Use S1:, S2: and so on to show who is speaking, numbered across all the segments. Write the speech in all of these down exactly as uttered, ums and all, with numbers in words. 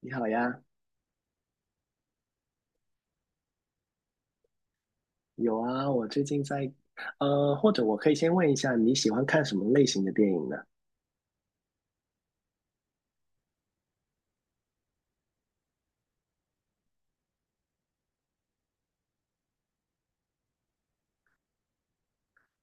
S1: 你好呀。有啊，我最近在，呃，或者我可以先问一下，你喜欢看什么类型的电影呢？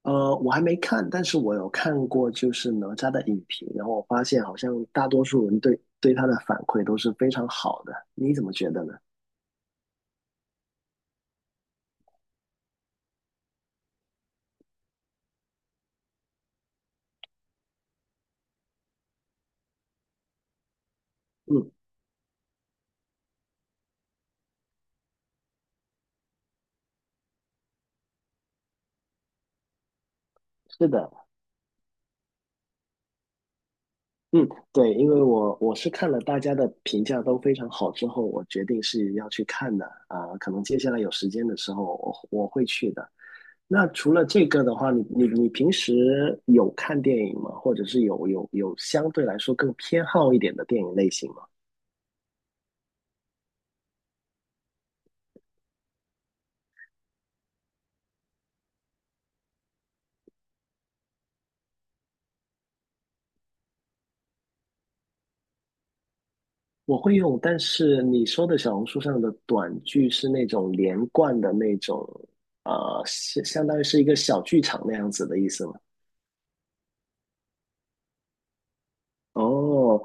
S1: 呃，我还没看，但是我有看过就是哪吒的影评，然后我发现好像大多数人对对他的反馈都是非常好的，你怎么觉得呢？嗯，是的。嗯，对，因为我我是看了大家的评价都非常好之后，我决定是要去看的，啊、可能接下来有时间的时候我我会去的。那除了这个的话，你你你平时有看电影吗？或者是有有有相对来说更偏好一点的电影类型吗？我会用，但是你说的小红书上的短剧是那种连贯的那种，呃，相相当于是一个小剧场那样子的意思吗？哦，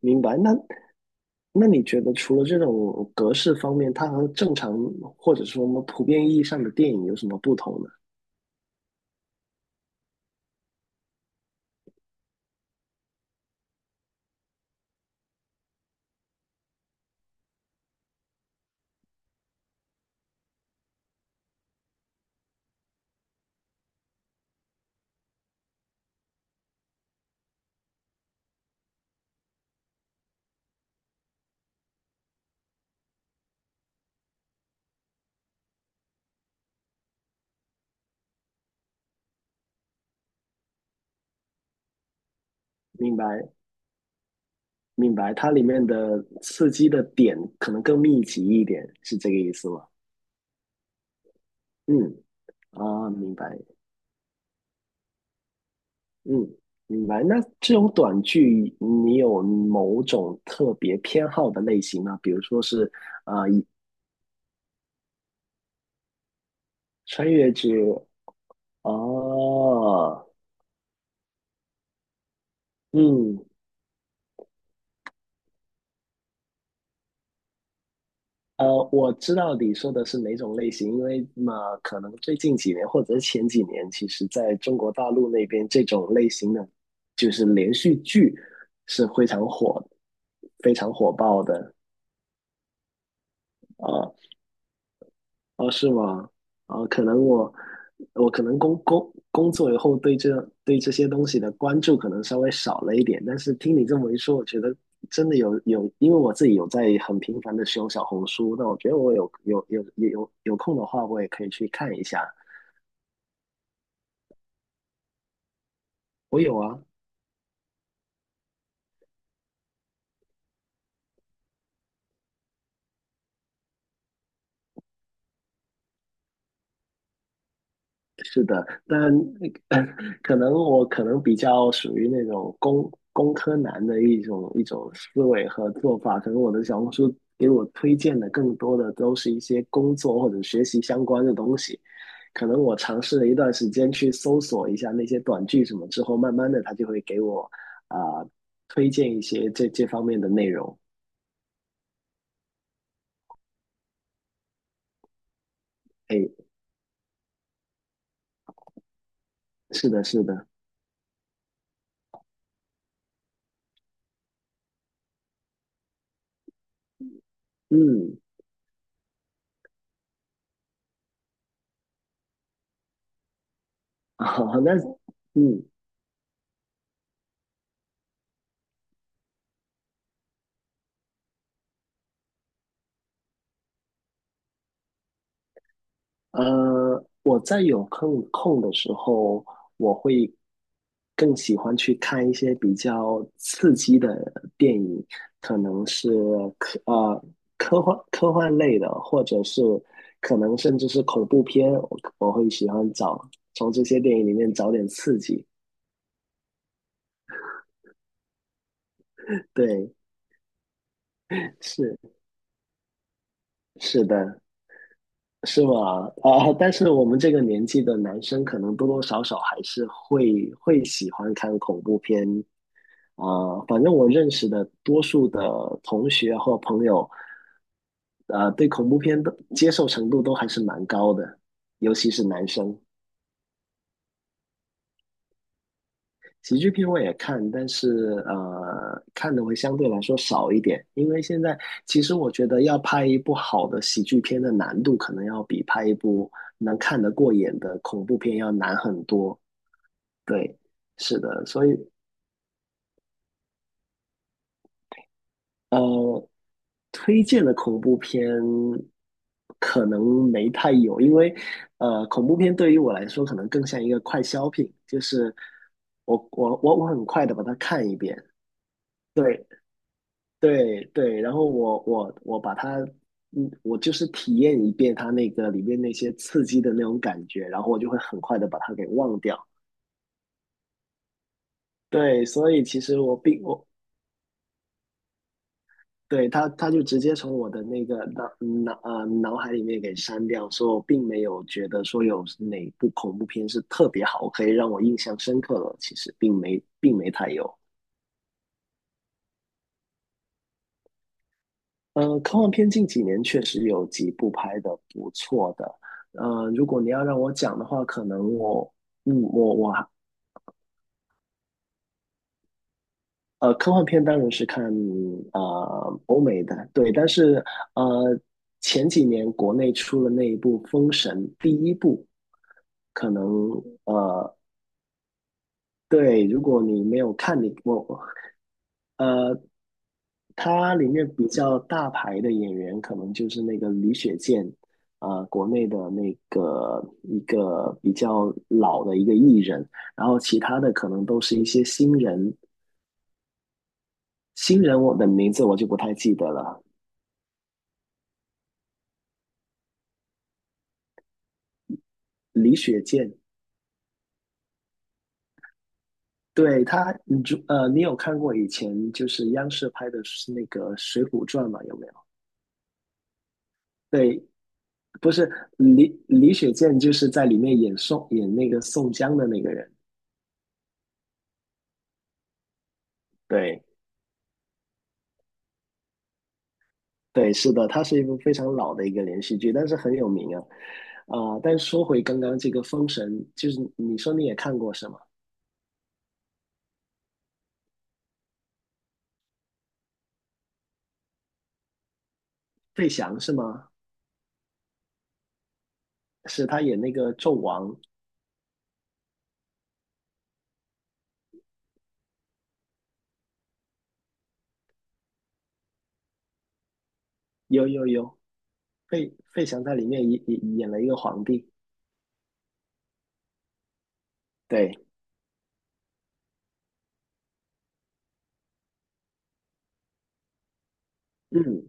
S1: 明白。那那你觉得除了这种格式方面，它和正常或者说我们普遍意义上的电影有什么不同呢？明白。明白，它里面的刺激的点可能更密集一点，是这个意思吗？嗯，啊，明白。嗯，明白。那这种短剧，你有某种特别偏好的类型吗？比如说是啊、呃穿越剧。哦，嗯呃，我知道你说的是哪种类型，因为嘛，可能最近几年或者是前几年，其实在中国大陆那边，这种类型的就是连续剧是非常火、非常火爆的。呃哦，是吗？啊，可能我我可能工工工作以后对这对这些东西的关注可能稍微少了一点，但是听你这么一说，我觉得真的有有，因为我自己有在很频繁的使用小红书，那我觉得我有有有有有有空的话，我也可以去看一下。我有啊。但呃 可能我可能比较属于那种工工科男的一种一种思维和做法，可能我的小红书给我推荐的更多的都是一些工作或者学习相关的东西。可能我尝试了一段时间去搜索一下那些短剧什么之后，慢慢的他就会给我啊、推荐一些这这方面的内容。哎，是的，是的。嗯，好，那嗯。呃，我在有空空的时候，我会更喜欢去看一些比较刺激的电影，可能是科呃科幻科幻类的，或者是可能甚至是恐怖片，我我会喜欢找从这些电影里面找点刺激。对，是是的，是吗？啊、但是我们这个年纪的男生，可能多多少少还是会会喜欢看恐怖片，呃，反正我认识的多数的同学或朋友，呃，对恐怖片的接受程度都还是蛮高的，尤其是男生。喜剧片我也看，但是呃，看的会相对来说少一点，因为现在其实我觉得要拍一部好的喜剧片的难度，可能要比拍一部能看得过眼的恐怖片要难很多。对，是的，所以呃，推荐的恐怖片可能没太有，因为呃，恐怖片对于我来说可能更像一个快消品，就是我我我我很快的把它看一遍，对对对，然后我我我把它，嗯，我就是体验一遍它那个里面那些刺激的那种感觉，然后我就会很快的把它给忘掉。对，所以其实我并我对，他他就直接从我的那个脑脑呃脑海里面给删掉，所以我并没有觉得说有哪部恐怖片是特别好，可以让我印象深刻的，其实并没并没太有。呃，科幻片近几年确实有几部拍的不错的。呃，如果你要让我讲的话，可能我嗯我我呃，科幻片当然是看啊呃欧美的，对，但是呃前几年国内出了那一部《封神》第一部，可能呃对，如果你没有看你我呃，它里面比较大牌的演员可能就是那个李雪健。呃，国内的那个一个比较老的一个艺人，然后其他的可能都是一些新人，新人我的名字我就不太记得了。李雪健，对他，你就呃，你有看过以前就是央视拍的是那个《水浒传》吗？有没有？对，不是李李雪健就是在里面演宋演那个宋江的那个人。对对，是的，它是一部非常老的一个连续剧，但是很有名啊。啊、但是说回刚刚这个《封神》，就是你说你也看过是吗？费翔是吗？是他演那个纣王。有有有，费费翔在里面演演演了一个皇帝。对，嗯。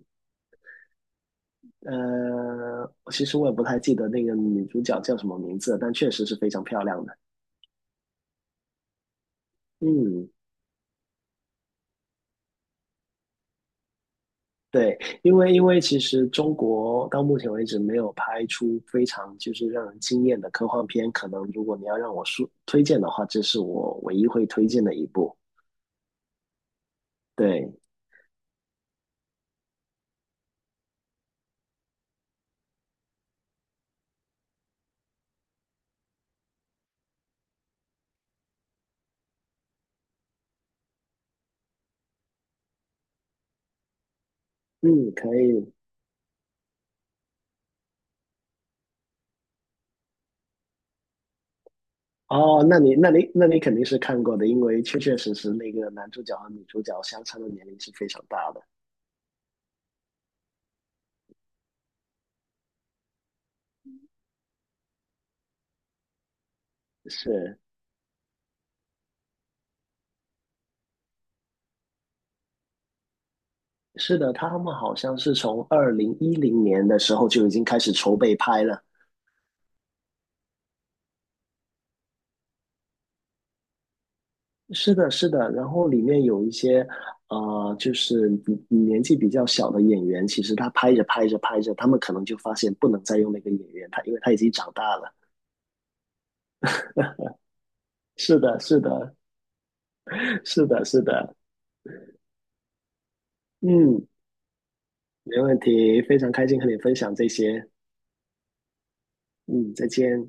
S1: 呃，其实我也不太记得那个女主角叫什么名字了，但确实是非常漂亮的。嗯，对，因为因为其实中国到目前为止没有拍出非常就是让人惊艳的科幻片，可能如果你要让我说推荐的话，这是我唯一会推荐的一部。对。嗯，可以。哦，那你那你那你肯定是看过的，因为确确实实那个男主角和女主角相差的年龄是非常大的。是，是的，他们好像是从二零一零年的时候就已经开始筹备拍了。是的，是的，然后里面有一些，呃，就是比年纪比较小的演员，其实他拍着拍着拍着，他们可能就发现不能再用那个演员，他因为他已经长大了。是的，是的，是的，是的。嗯，没问题，非常开心和你分享这些。嗯，再见。